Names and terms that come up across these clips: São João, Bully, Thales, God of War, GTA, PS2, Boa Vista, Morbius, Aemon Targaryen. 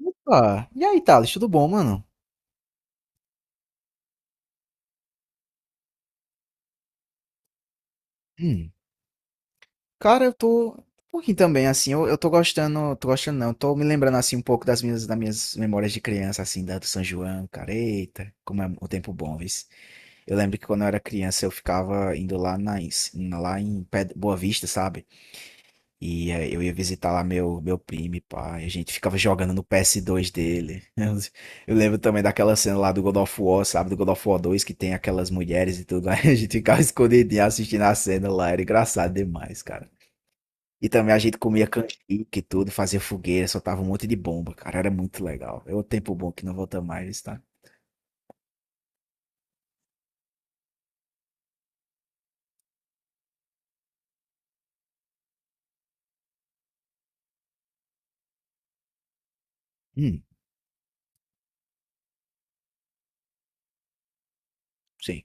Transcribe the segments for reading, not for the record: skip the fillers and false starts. Opa! E aí, Thales, tudo bom, mano? Hum. Cara, eu tô um pouquinho também, assim, eu tô gostando não, tô me lembrando, assim, um pouco das minhas memórias de criança, assim, da do São João, cara, eita, como é o tempo bom, vis. Eu lembro que quando eu era criança, eu ficava indo lá lá em Boa Vista, sabe? E eu ia visitar lá meu primo, pai. A gente ficava jogando no PS2 dele. Eu lembro também daquela cena lá do God of War, sabe? Do God of War dois que tem aquelas mulheres e tudo. Aí a gente ficava escondidinho assistindo a cena lá. Era engraçado demais, cara. E também a gente comia canjica e tudo, fazia fogueira, soltava um monte de bomba, cara. Era muito legal. É outro tempo bom que não volta mais, tá? Hum, sim.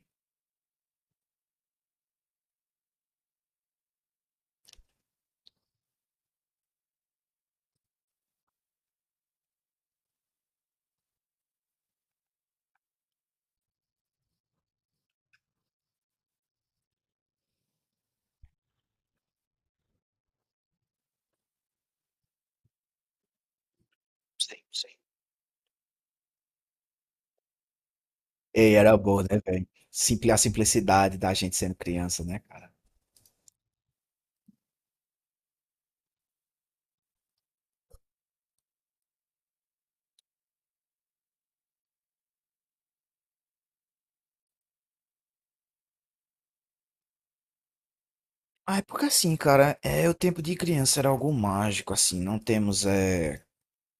Sim, sim. E era bom, né, velho? Simpli a simplicidade da gente sendo criança, né, cara? Ah, é porque assim, cara, é o tempo de criança era algo mágico, assim, não temos, é...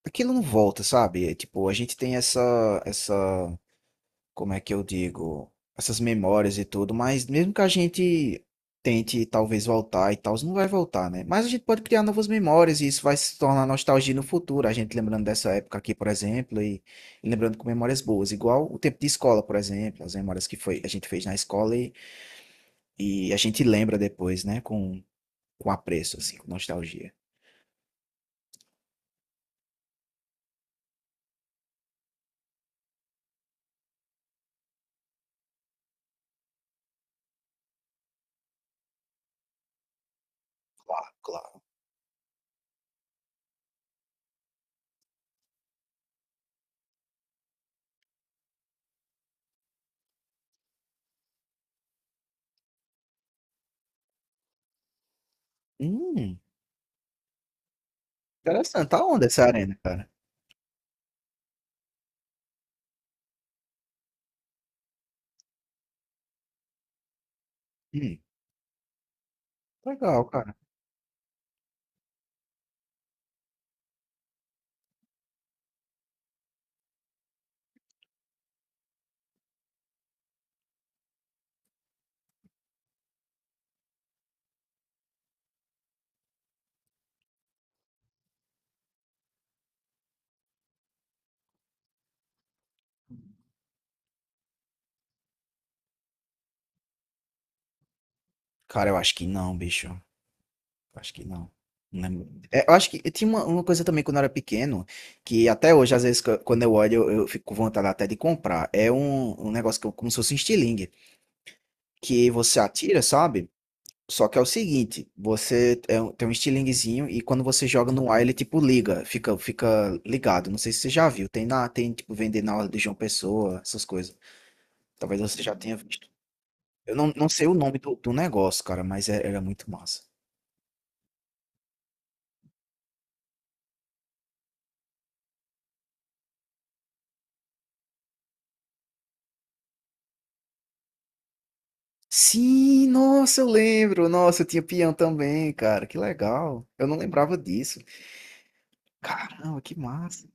Aquilo não volta, sabe? É, tipo, a gente tem essa, como é que eu digo, essas memórias e tudo, mas mesmo que a gente tente talvez voltar e tal, não vai voltar, né? Mas a gente pode criar novas memórias e isso vai se tornar nostalgia no futuro, a gente lembrando dessa época aqui, por exemplo, e lembrando com memórias boas, igual o tempo de escola, por exemplo, as memórias que foi, a gente fez na escola e a gente lembra depois, né? Com apreço, assim, com nostalgia. Claro, claro. Hum, interessante. Tá onde essa arena, cara? Hum, legal, cara. Cara, eu acho que não, bicho. Eu acho que não. Não lembro. É, eu acho que tinha uma coisa também quando eu era pequeno, que até hoje, às vezes, quando eu olho, eu fico com vontade até de comprar. É um negócio que, como se fosse um estilingue, que você atira, sabe? Só que é o seguinte, você é tem um estilinguezinho e quando você joga no ar, ele tipo liga, fica ligado. Não sei se você já viu, tem tem tipo vender na hora de João Pessoa, essas coisas. Talvez você já tenha visto. Eu não, não sei o nome do negócio, cara, mas era muito massa. Sim, nossa, eu lembro. Nossa, eu tinha peão também, cara. Que legal. Eu não lembrava disso. Caramba, que massa.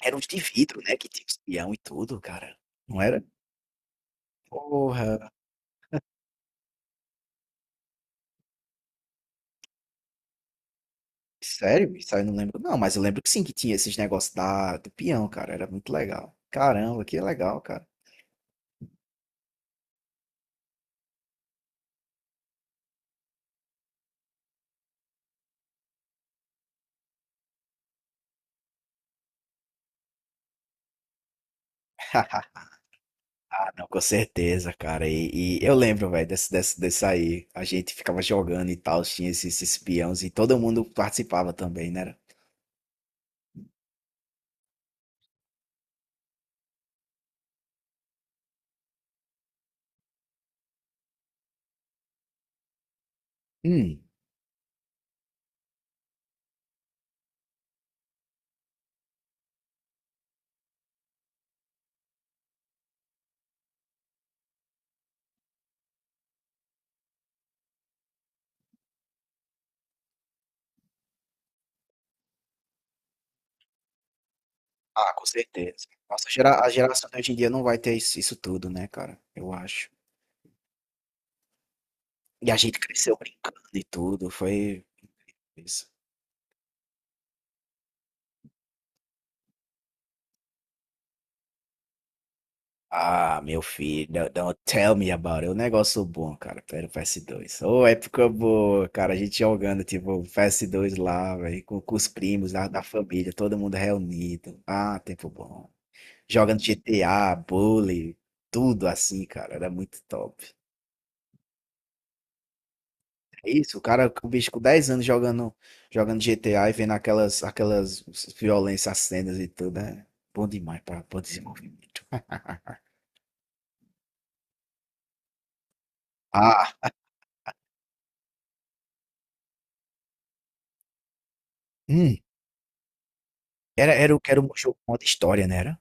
Eram uns de vidro, né, que tinha os peão e tudo, cara. Não era? Porra. Sério? Isso aí eu não lembro. Não, mas eu lembro que sim, que tinha esses negócios do peão, cara. Era muito legal. Caramba, que legal, cara. não, com certeza, cara. E eu lembro, velho, desse aí. A gente ficava jogando e tal, tinha esses peões e todo mundo participava também, né? Hum. Ah, com certeza. Nossa, a geração de hoje em dia não vai ter isso tudo, né, cara? Eu acho. E a gente cresceu brincando e tudo. Foi. Ah, meu filho, não, tell me about it. É um negócio bom, cara. Pera, PS2. Ô, é época boa, cara. A gente jogando, tipo, PS2 lá, velho, com os primos da família, todo mundo reunido. Ah, tempo bom. Jogando GTA, Bully, tudo assim, cara. Era muito top. É isso, o cara, o bicho com 10 anos jogando, jogando GTA e vendo aquelas violências, cenas e tudo, né? Bom demais para o desenvolvimento. Ah, hum. Era um jogo modo história, né? Era?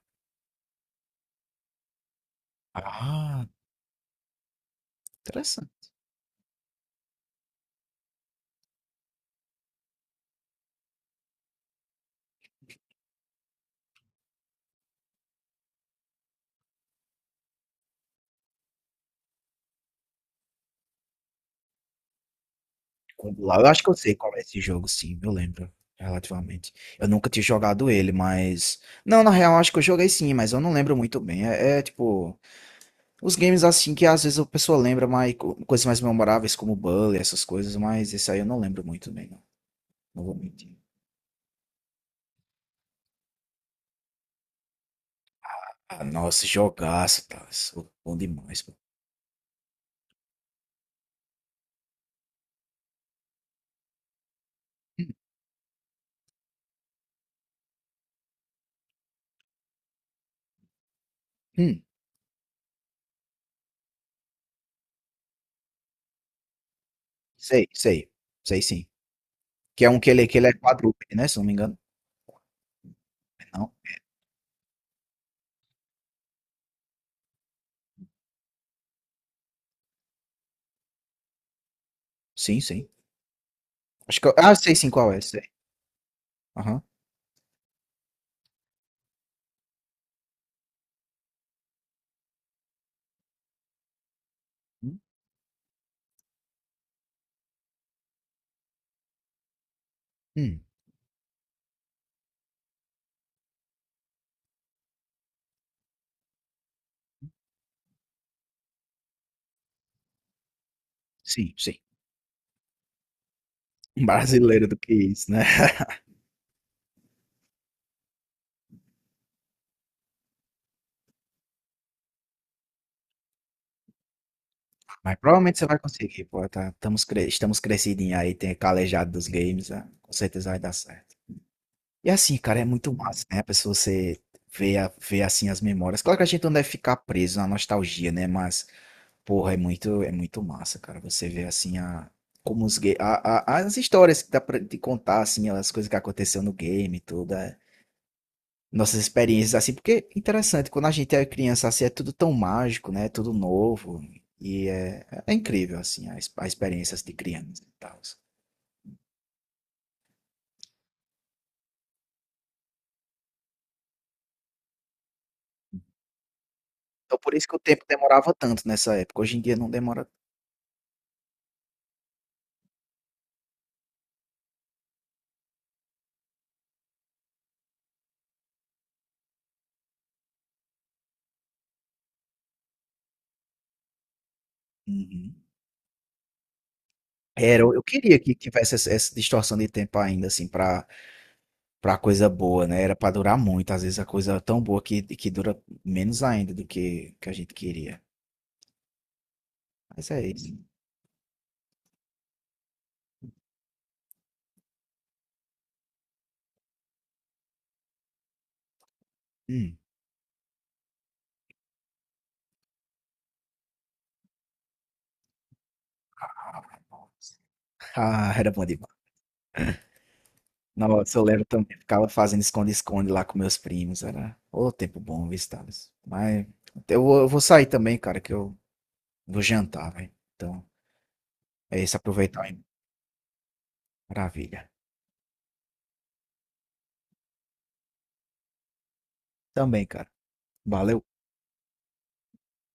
Ah, interessante. Congular, eu acho que eu sei qual é esse jogo, sim, eu lembro, relativamente. Eu nunca tinha jogado ele, mas. Não, na real, acho que eu joguei sim, mas eu não lembro muito bem. É, é, tipo. Os games assim que às vezes a pessoa lembra mais coisas mais memoráveis, como Bully, essas coisas, mas esse aí eu não lembro muito bem, não. Não vou mentir. Ah, nossa, jogaço, tá. Isso é bom demais, pô. Hum, hum, sei, sei. Sei sim. Que é um que ele é quadrúpede, né? Se eu não me engano. Não. Sim, sim. Acho que eu... Ah, sei sim qual é, sei. Aham. Hum, sim, sim. Um brasileiro do que isso, né? Mas provavelmente você vai conseguir, pô, tá, estamos, cre estamos crescidinhos aí, tem calejado dos games, né? Com certeza vai dar certo. E assim, cara, é muito massa, né? A pessoa você vê, vê assim as memórias. Claro que a gente não deve ficar preso na nostalgia, né? Mas, porra, é muito massa, cara. Você vê assim a, como os ga- a- as histórias que dá pra te contar, assim, as coisas que aconteceu no game e tudo. É. Nossas experiências assim, porque é interessante, quando a gente é criança assim, é tudo tão mágico, né? É tudo novo e é, é incrível assim as experiências de criança e tal. Então por isso que o tempo demorava tanto nessa época. Hoje em dia não demora. Uhum. Era, eu queria que tivesse essa distorção de tempo ainda, assim, pra coisa boa, né, era pra durar muito, às vezes a coisa é tão boa que dura menos ainda do que a gente queria. Mas é isso. Hum. Ah, era bom demais. Nossa, eu lembro também, ficava fazendo esconde-esconde lá com meus primos, era ô tempo bom, viu, Thales. Mas eu vou sair também, cara, que eu vou jantar, velho. Então, é isso, aproveitar, hein. Maravilha. Também, cara. Valeu.